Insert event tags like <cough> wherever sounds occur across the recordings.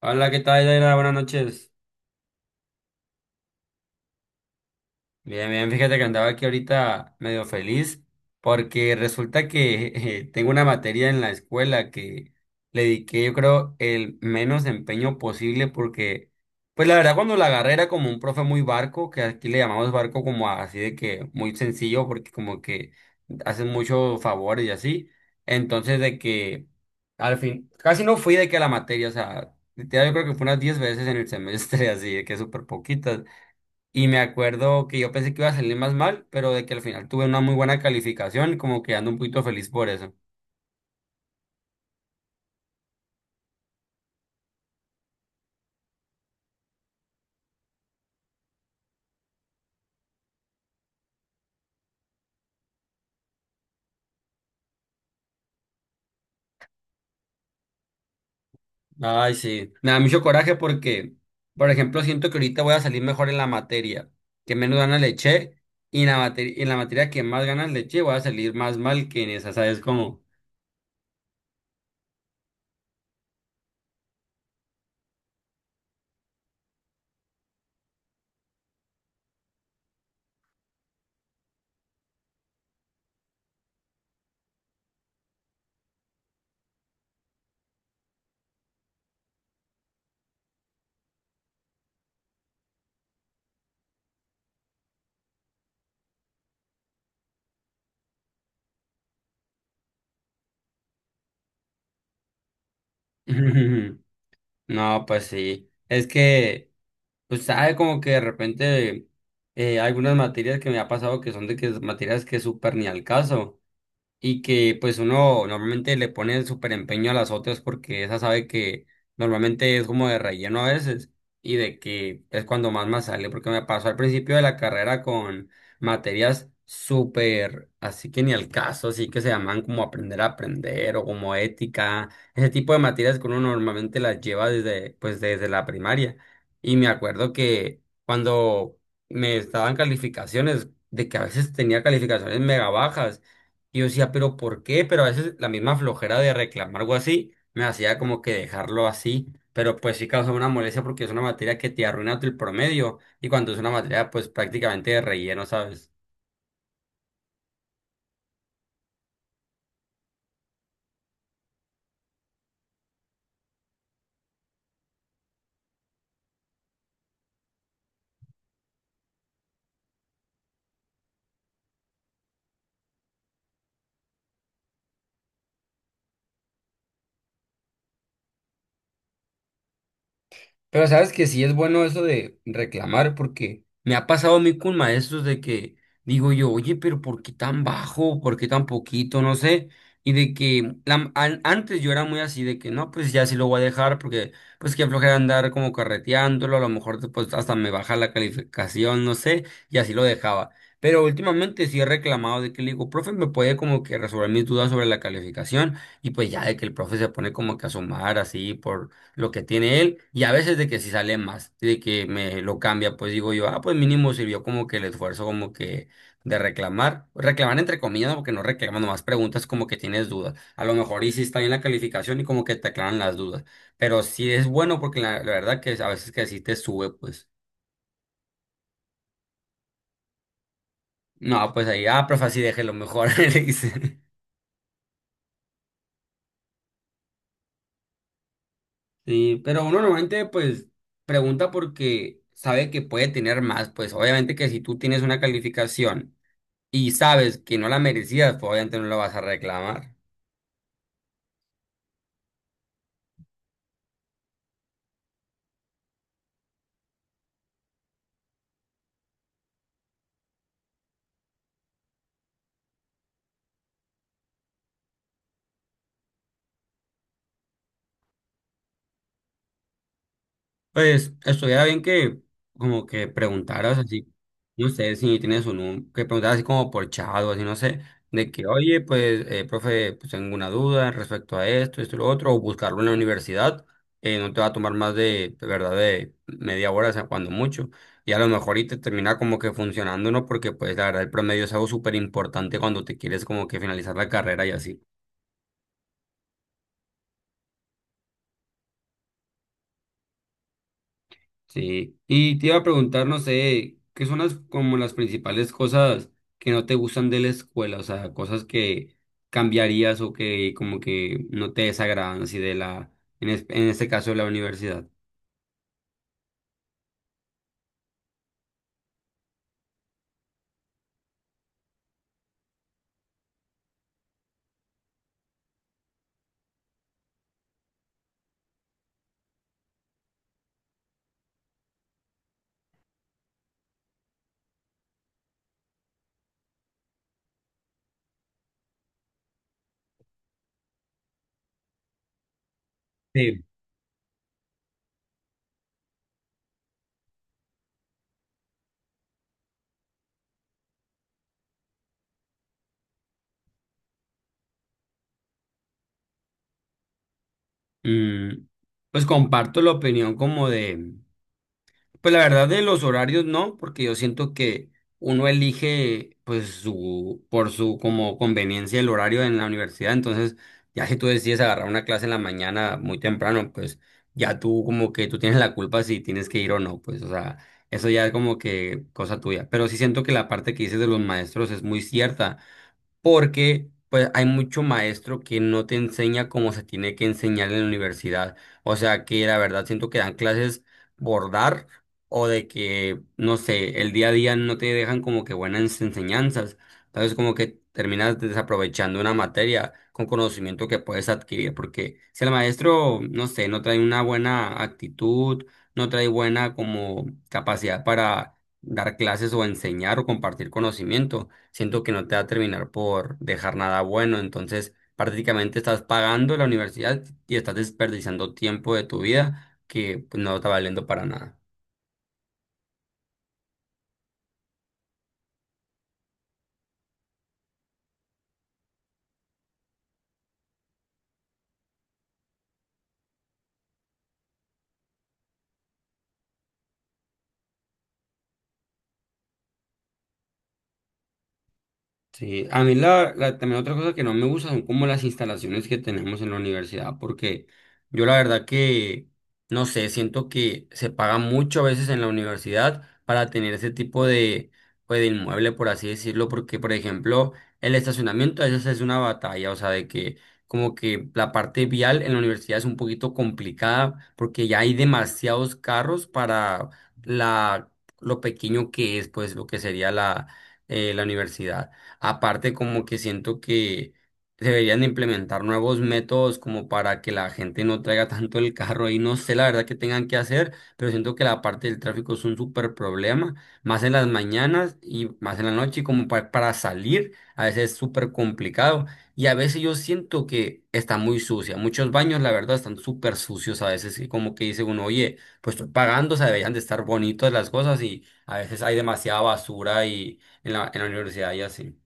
Hola, ¿qué tal, Daira? Buenas noches. Bien, bien, fíjate que andaba aquí ahorita medio feliz porque resulta que <laughs> tengo una materia en la escuela que le dediqué yo creo el menos empeño posible porque pues la verdad cuando la agarré era como un profe muy barco, que aquí le llamamos barco como así de que muy sencillo porque como que hacen muchos favores y así. Entonces de que al fin casi no fui de que a la materia, o sea, literal yo creo que fue unas 10 veces en el semestre <laughs> así de que súper poquitas. Y me acuerdo que yo pensé que iba a salir más mal, pero de que al final tuve una muy buena calificación, como que ando un poquito feliz por eso. Ay, sí. Me da mucho coraje porque, por ejemplo, siento que ahorita voy a salir mejor en la materia que menos ganas le eché y en la materia que más ganas le eché voy a salir más mal que en esa, ¿sabes cómo? <laughs> No, pues sí. Es que, pues sabe como que de repente hay algunas materias que me ha pasado que son de que materias que súper ni al caso. Y que pues uno normalmente le pone súper empeño a las otras porque esa sabe que normalmente es como de relleno a veces y de que es cuando más sale porque me pasó al principio de la carrera con materias súper así que ni al caso, así que se llaman como aprender a aprender o como ética, ese tipo de materias que uno normalmente las lleva desde pues desde la primaria y me acuerdo que cuando me estaban calificaciones de que a veces tenía calificaciones mega bajas y yo decía, pero ¿por qué? Pero a veces la misma flojera de reclamar algo así me hacía como que dejarlo así. Pero pues sí causa una molestia porque es una materia que te arruina el promedio. Y cuando es una materia, pues prácticamente de relleno, ¿sabes? Pero sabes que sí es bueno eso de reclamar, porque me ha pasado a mí con maestros de que digo yo, oye, pero ¿por qué tan bajo? ¿Por qué tan poquito? No sé. Y de que antes yo era muy así, de que no, pues ya sí lo voy a dejar, porque pues que flojera andar como carreteándolo, a lo mejor después hasta me baja la calificación, no sé, y así lo dejaba. Pero últimamente sí he reclamado de que le digo, profe, me puede como que resolver mis dudas sobre la calificación, y pues ya de que el profe se pone como que a sumar así por lo que tiene él y a veces de que si sale más, de que me lo cambia, pues digo yo, ah, pues mínimo sirvió como que el esfuerzo como que de reclamar, reclamar entre comillas, ¿no? Porque no reclamando más preguntas como que tienes dudas, a lo mejor y sí está bien la calificación y como que te aclaran las dudas, pero sí es bueno porque la verdad que a veces que así te sube, pues, no, pues ahí, ah, profe, así déjelo mejor, <laughs> le dice. Sí, pero uno normalmente pues pregunta porque sabe que puede tener más, pues obviamente que si tú tienes una calificación, y sabes que no la merecías, pues obviamente no la vas a reclamar. Pues estuviera bien que como que preguntaras así, no sé si tienes un número, que preguntaras así como por chat o así, no sé, de que, oye, pues, profe, pues tengo una duda respecto a esto, esto y lo otro, o buscarlo en la universidad, no te va a tomar más de verdad, de media hora, o sea, cuando mucho. Y a lo mejor y te termina como que funcionando, ¿no? Porque pues la verdad el promedio es algo súper importante cuando te quieres como que finalizar la carrera y así. Sí, y te iba a preguntar, no sé, ¿qué son las como las principales cosas que no te gustan de la escuela? O sea, cosas que cambiarías o que como que no te desagradan así de la, en, es- en este caso de la universidad. Sí. Mm, pues comparto la opinión como de. Pues la verdad de los horarios no, porque yo siento que uno elige pues su por su como conveniencia el horario en la universidad, entonces ya si tú decides agarrar una clase en la mañana muy temprano, pues ya tú como que tú tienes la culpa si tienes que ir o no, pues o sea, eso ya es como que cosa tuya, pero sí siento que la parte que dices de los maestros es muy cierta porque pues hay mucho maestro que no te enseña como se tiene que enseñar en la universidad. O sea que la verdad siento que dan clases por dar o de que, no sé, el día a día no te dejan como que buenas enseñanzas. Entonces como que terminas desaprovechando una materia con conocimiento que puedes adquirir, porque si el maestro, no sé, no trae una buena actitud, no trae buena como capacidad para dar clases o enseñar o compartir conocimiento siento que no te va a terminar por dejar nada bueno. Entonces, prácticamente estás pagando. Sí, a mí también otra cosa que no me gusta son como las instalaciones que tenemos en la universidad, porque yo la verdad que, no sé, siento que se paga mucho a veces en la universidad para tener ese tipo de, pues, de inmueble, por así decirlo, porque, por ejemplo, el estacionamiento a veces es una batalla, o sea, de que como que la parte vial en la universidad es un poquito complicada, porque ya hay demasiados carros para la, lo pequeño que es, pues, lo que sería la, la universidad. Aparte, como que siento que deberían de implementar nuevos métodos como para que la gente no traiga tanto el carro y no sé la verdad que tengan que hacer, pero siento que la parte del tráfico es un súper problema, más en las mañanas y más en la noche, y como para salir, a veces es súper complicado. Y a veces yo siento que está muy sucia. Muchos baños, la verdad, están súper sucios a veces. Y como que dice uno, oye, pues estoy pagando, o sea, deberían de estar bonitas las cosas y a veces hay demasiada basura y en la universidad y así.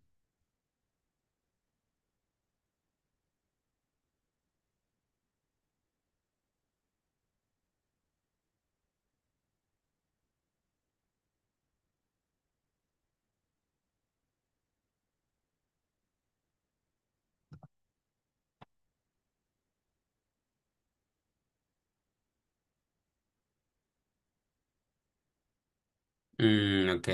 Mm, ok.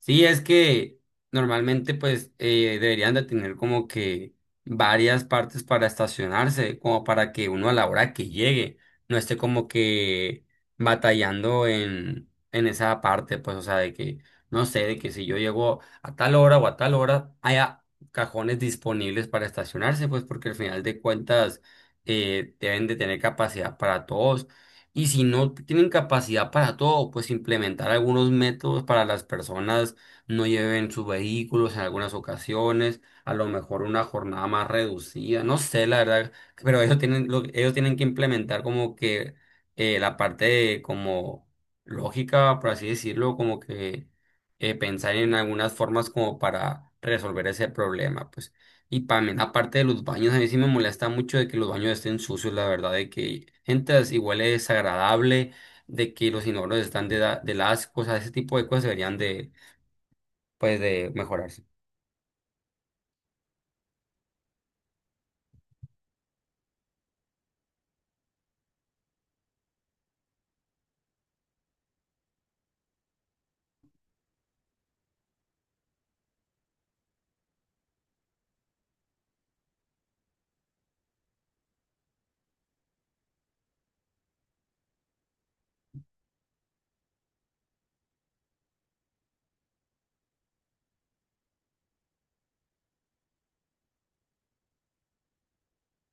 Sí, es que normalmente pues deberían de tener como que varias partes para estacionarse, como para que uno a la hora que llegue no esté como que batallando en esa parte, pues o sea, de que, no sé, de que si yo llego a tal hora o a tal hora, haya cajones disponibles para estacionarse, pues porque al final de cuentas deben de tener capacidad para todos y si no tienen capacidad para todo, pues implementar algunos métodos para las personas no lleven sus vehículos en algunas ocasiones, a lo mejor una jornada más reducida, no sé, la verdad, pero ellos tienen que implementar como que la parte de como lógica, por así decirlo, como que pensar en algunas formas como para resolver ese problema, pues. Y también, aparte de los baños, a mí sí me molesta mucho de que los baños estén sucios, la verdad, de que entras y huele desagradable, de que los inodoros están de, de asco, o sea, ese tipo de cosas deberían de, pues, de mejorarse.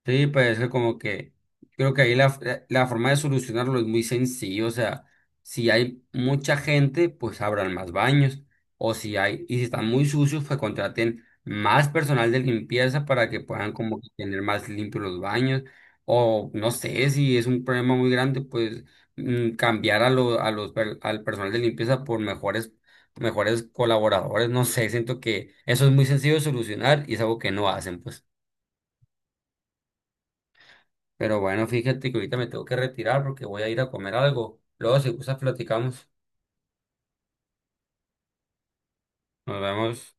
Sí, pues es que como que creo que ahí la forma de solucionarlo es muy sencillo, o sea, si hay mucha gente, pues abran más baños, o si hay, y si están muy sucios, pues contraten más personal de limpieza para que puedan como que tener más limpios los baños, o no sé, si es un problema muy grande, pues mm, cambiar a lo- a los, per- al personal de limpieza por mejores, mejores colaboradores, no sé, siento que eso es muy sencillo de solucionar y es algo que no hacen, pues. Pero bueno, fíjate que ahorita me tengo que retirar porque voy a ir a comer algo. Luego, si gustas, platicamos. Nos vemos.